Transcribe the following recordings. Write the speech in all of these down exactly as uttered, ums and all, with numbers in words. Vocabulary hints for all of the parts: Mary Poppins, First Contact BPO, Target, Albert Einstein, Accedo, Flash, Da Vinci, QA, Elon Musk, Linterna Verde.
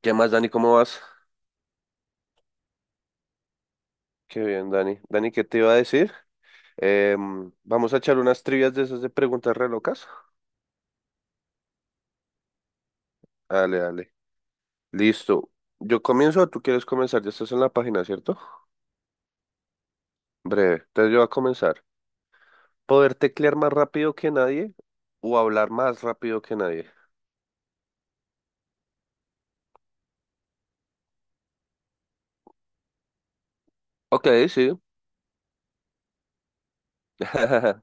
¿Qué más, Dani? ¿Cómo vas? Qué bien, Dani. Dani, ¿qué te iba a decir? Em, vamos a echar unas trivias de esas de preguntas re locas. Dale, dale. Listo. Yo comienzo o tú quieres comenzar. Ya estás en la página, ¿cierto? Breve. Entonces yo voy a comenzar. ¿Poder teclear más rápido que nadie o hablar más rápido que nadie? Ok, sí.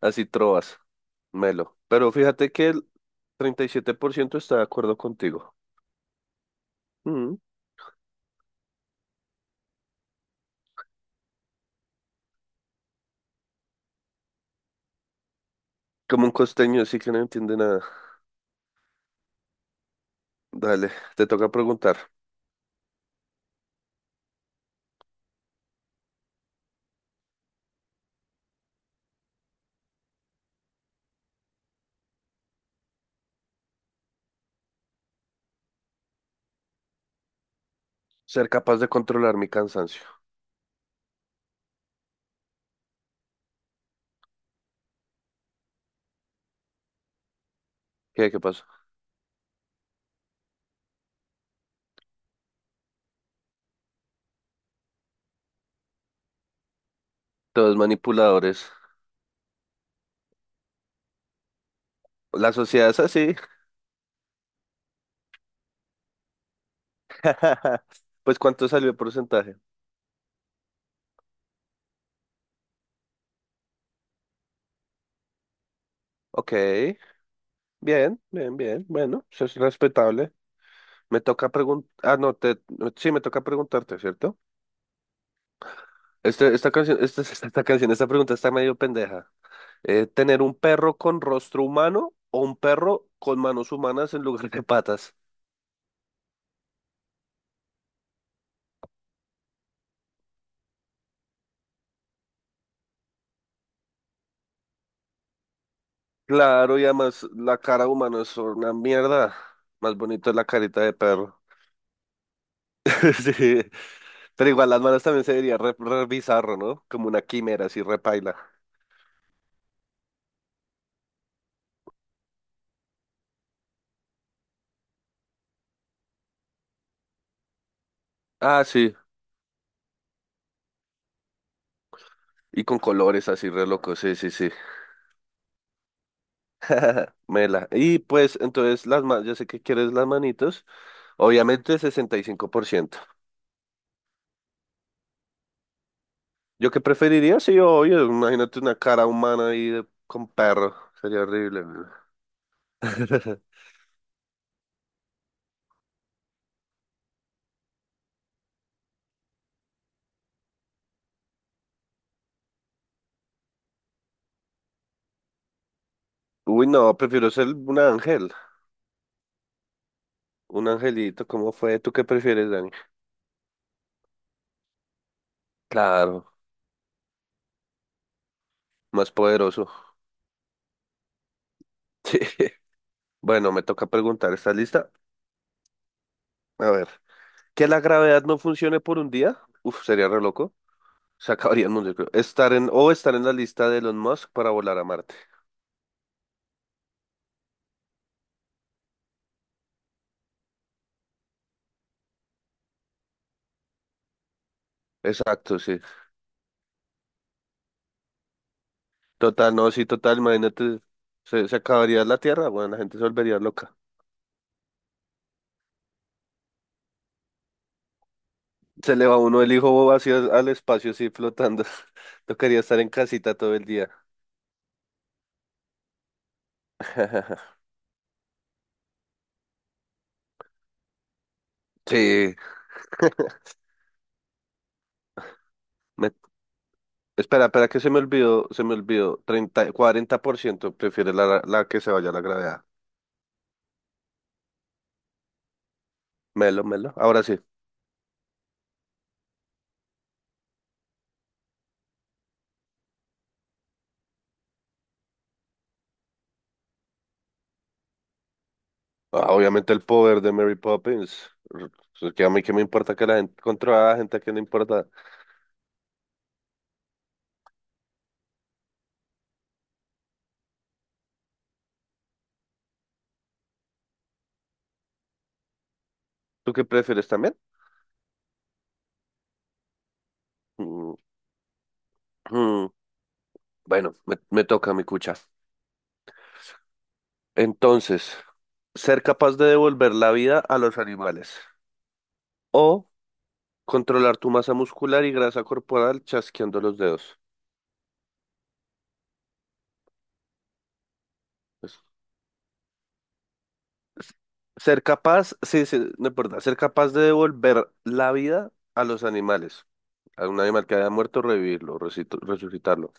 Así trovas, Melo. Pero fíjate que el treinta y siete por ciento está de acuerdo contigo. Mm. Como un costeño, sí que no entiende nada. Dale, te toca preguntar. Ser capaz de controlar mi cansancio. ¿Qué, qué pasa? Todos manipuladores. La sociedad es así. Pues, ¿cuánto salió el porcentaje? Ok, bien, bien, bien. Bueno, eso es respetable. Me toca preguntar. Ah, no, te... no, sí, me toca preguntarte, ¿cierto? Este, esta canción, esta, esta, esta canción, esta pregunta está medio pendeja. Eh, ¿tener un perro con rostro humano o un perro con manos humanas en lugar de patas? Claro, y además la cara humana es una mierda. Más bonito es la carita de perro. Sí, pero igual las manos también se vería re, re bizarro, ¿no? Como una quimera así repaila. Ah, sí. Y con colores así re loco, sí, sí, sí. Mela. Y pues entonces las manos, yo sé que quieres las manitos. Obviamente sesenta y cinco por ciento. ¿Yo qué preferiría? Sí, obvio. Imagínate una cara humana ahí de- con perro. Sería horrible. ¿No? Uy, no, prefiero ser un ángel. Un angelito, ¿cómo fue? ¿Tú qué prefieres, Dani? Claro, más poderoso. Bueno, me toca preguntar, ¿estás lista? A ver, que la gravedad no funcione por un día, uf, sería re loco, se acabaría el mundo, yo creo. Estar en, o estar en la lista de Elon Musk para volar a Marte. Exacto, sí. Total, no, sí, total, imagínate, se, se acabaría la Tierra, bueno, la gente se volvería loca. Se le va uno el hijo vacío al al espacio, así flotando. Tocaría estar en casita todo el día. Sí. Me- espera, espera, que se me olvidó, se me olvidó. Treinta, cuarenta por ciento prefiere la, la que se vaya a la gravedad. Melo, melo. Ahora sí. Ah, obviamente el poder de Mary Poppins. R- r- Que a mí que me importa que la gente controla a la gente que no importa. ¿Tú qué prefieres también? Mm, mm. Bueno, me, me toca mi cucha. Entonces, ser capaz de devolver la vida a los animales o controlar tu masa muscular y grasa corporal chasqueando los dedos. Es- es- Ser capaz, sí, sí, no importa, ser capaz de devolver la vida a los animales, a un animal que haya muerto, revivirlo, resucit- resucitarlo.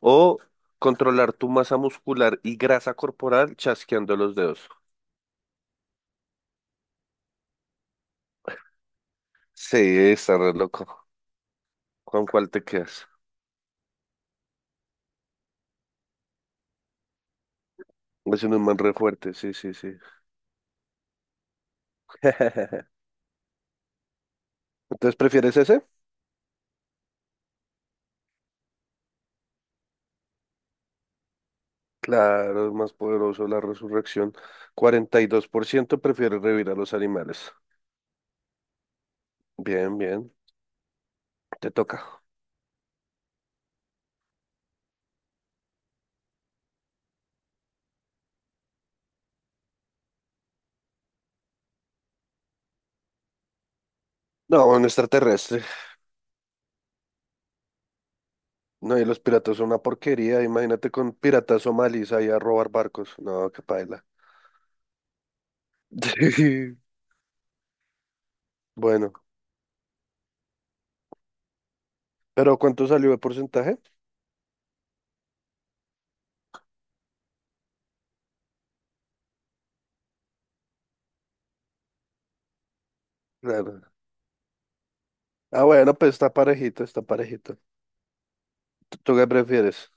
O controlar tu masa muscular y grasa corporal chasqueando los dedos. Sí, está re loco. ¿Con cuál te quedas? Es un man re fuerte, sí, sí, sí. Entonces, ¿prefieres ese? Claro, es más poderoso la resurrección. Cuarenta y dos por ciento prefiere revivir a los animales. Bien, bien, te toca. No, un extraterrestre. No, y los piratas son una porquería. Imagínate con piratas somalíes ahí a robar barcos. No, qué paila. Bueno, pero ¿cuánto salió de porcentaje? Claro. Ah, bueno, pues está parejito, está parejito. ¿Tú, tú qué prefieres?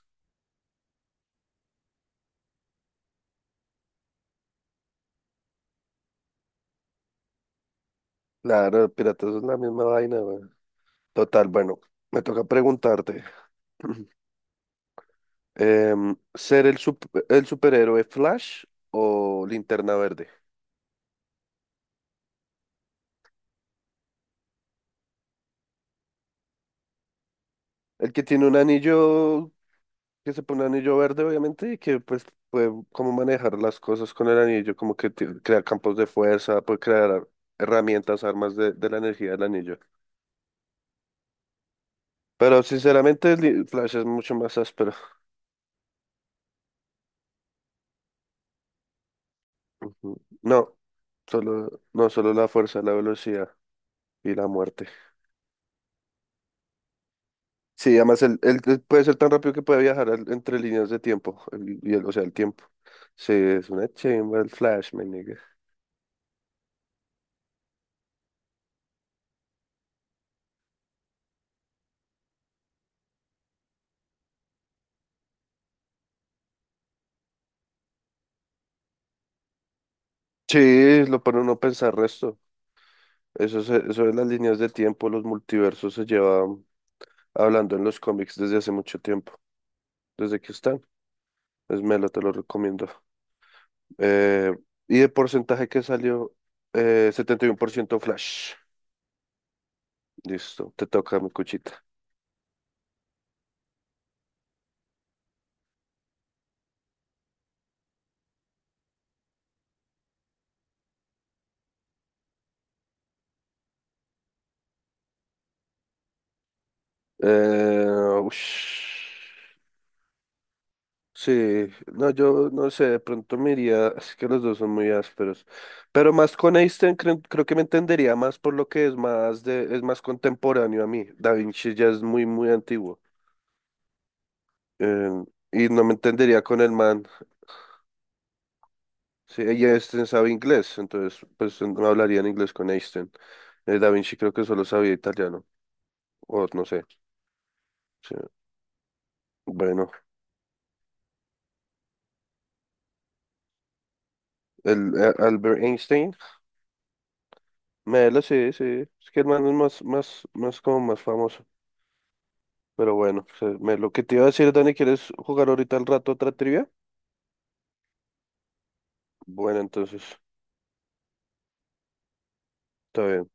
Claro, piratas es la misma vaina, güey. Total, bueno, me toca preguntarte. Em, ¿ser el, sup- el superhéroe Flash o Linterna Verde? El que tiene un anillo, que se pone un anillo verde, obviamente, y que pues puede como manejar las cosas con el anillo, como que te- crea campos de fuerza, puede crear herramientas, armas de, de la energía del anillo. Pero sinceramente, el Flash es mucho más áspero. Ujú. No. Solo, no solo la fuerza, la velocidad y la muerte. Sí, además él, él- él puede ser tan rápido que puede viajar al- entre líneas de tiempo. El- y el- o sea, el tiempo. Sí, es una chimba el Flash, me nigga. Sí, lo pone uno a pensar resto. Eso, es eso de las líneas de tiempo, los multiversos se llevan hablando en los cómics desde hace mucho tiempo, desde que están. Es Melo, te lo recomiendo. Eh, y de porcentaje que salió, eh, setenta y uno por ciento Flash. Listo, te toca mi cuchita. Eh, ush. Sí, no, yo no sé, de pronto me iría, es que los dos son muy ásperos, pero más con Einstein creo, creo que me entendería más por lo que es más de, es más contemporáneo a mí. Da Vinci ya es muy, muy antiguo, eh, y no me entendería con el man. Sí, y Einstein sabe inglés, entonces pues no hablaría en inglés con Einstein. Eh, Da Vinci creo que solo sabía italiano, o no sé. Sí. Bueno, el, eh, Albert Einstein. Melo, sí, sí. Es que el man es más, más, más como más famoso. Pero bueno, o sea, Melo, ¿qué te iba a decir, Dani? ¿Quieres jugar ahorita al rato otra trivia? Bueno, entonces, está bien.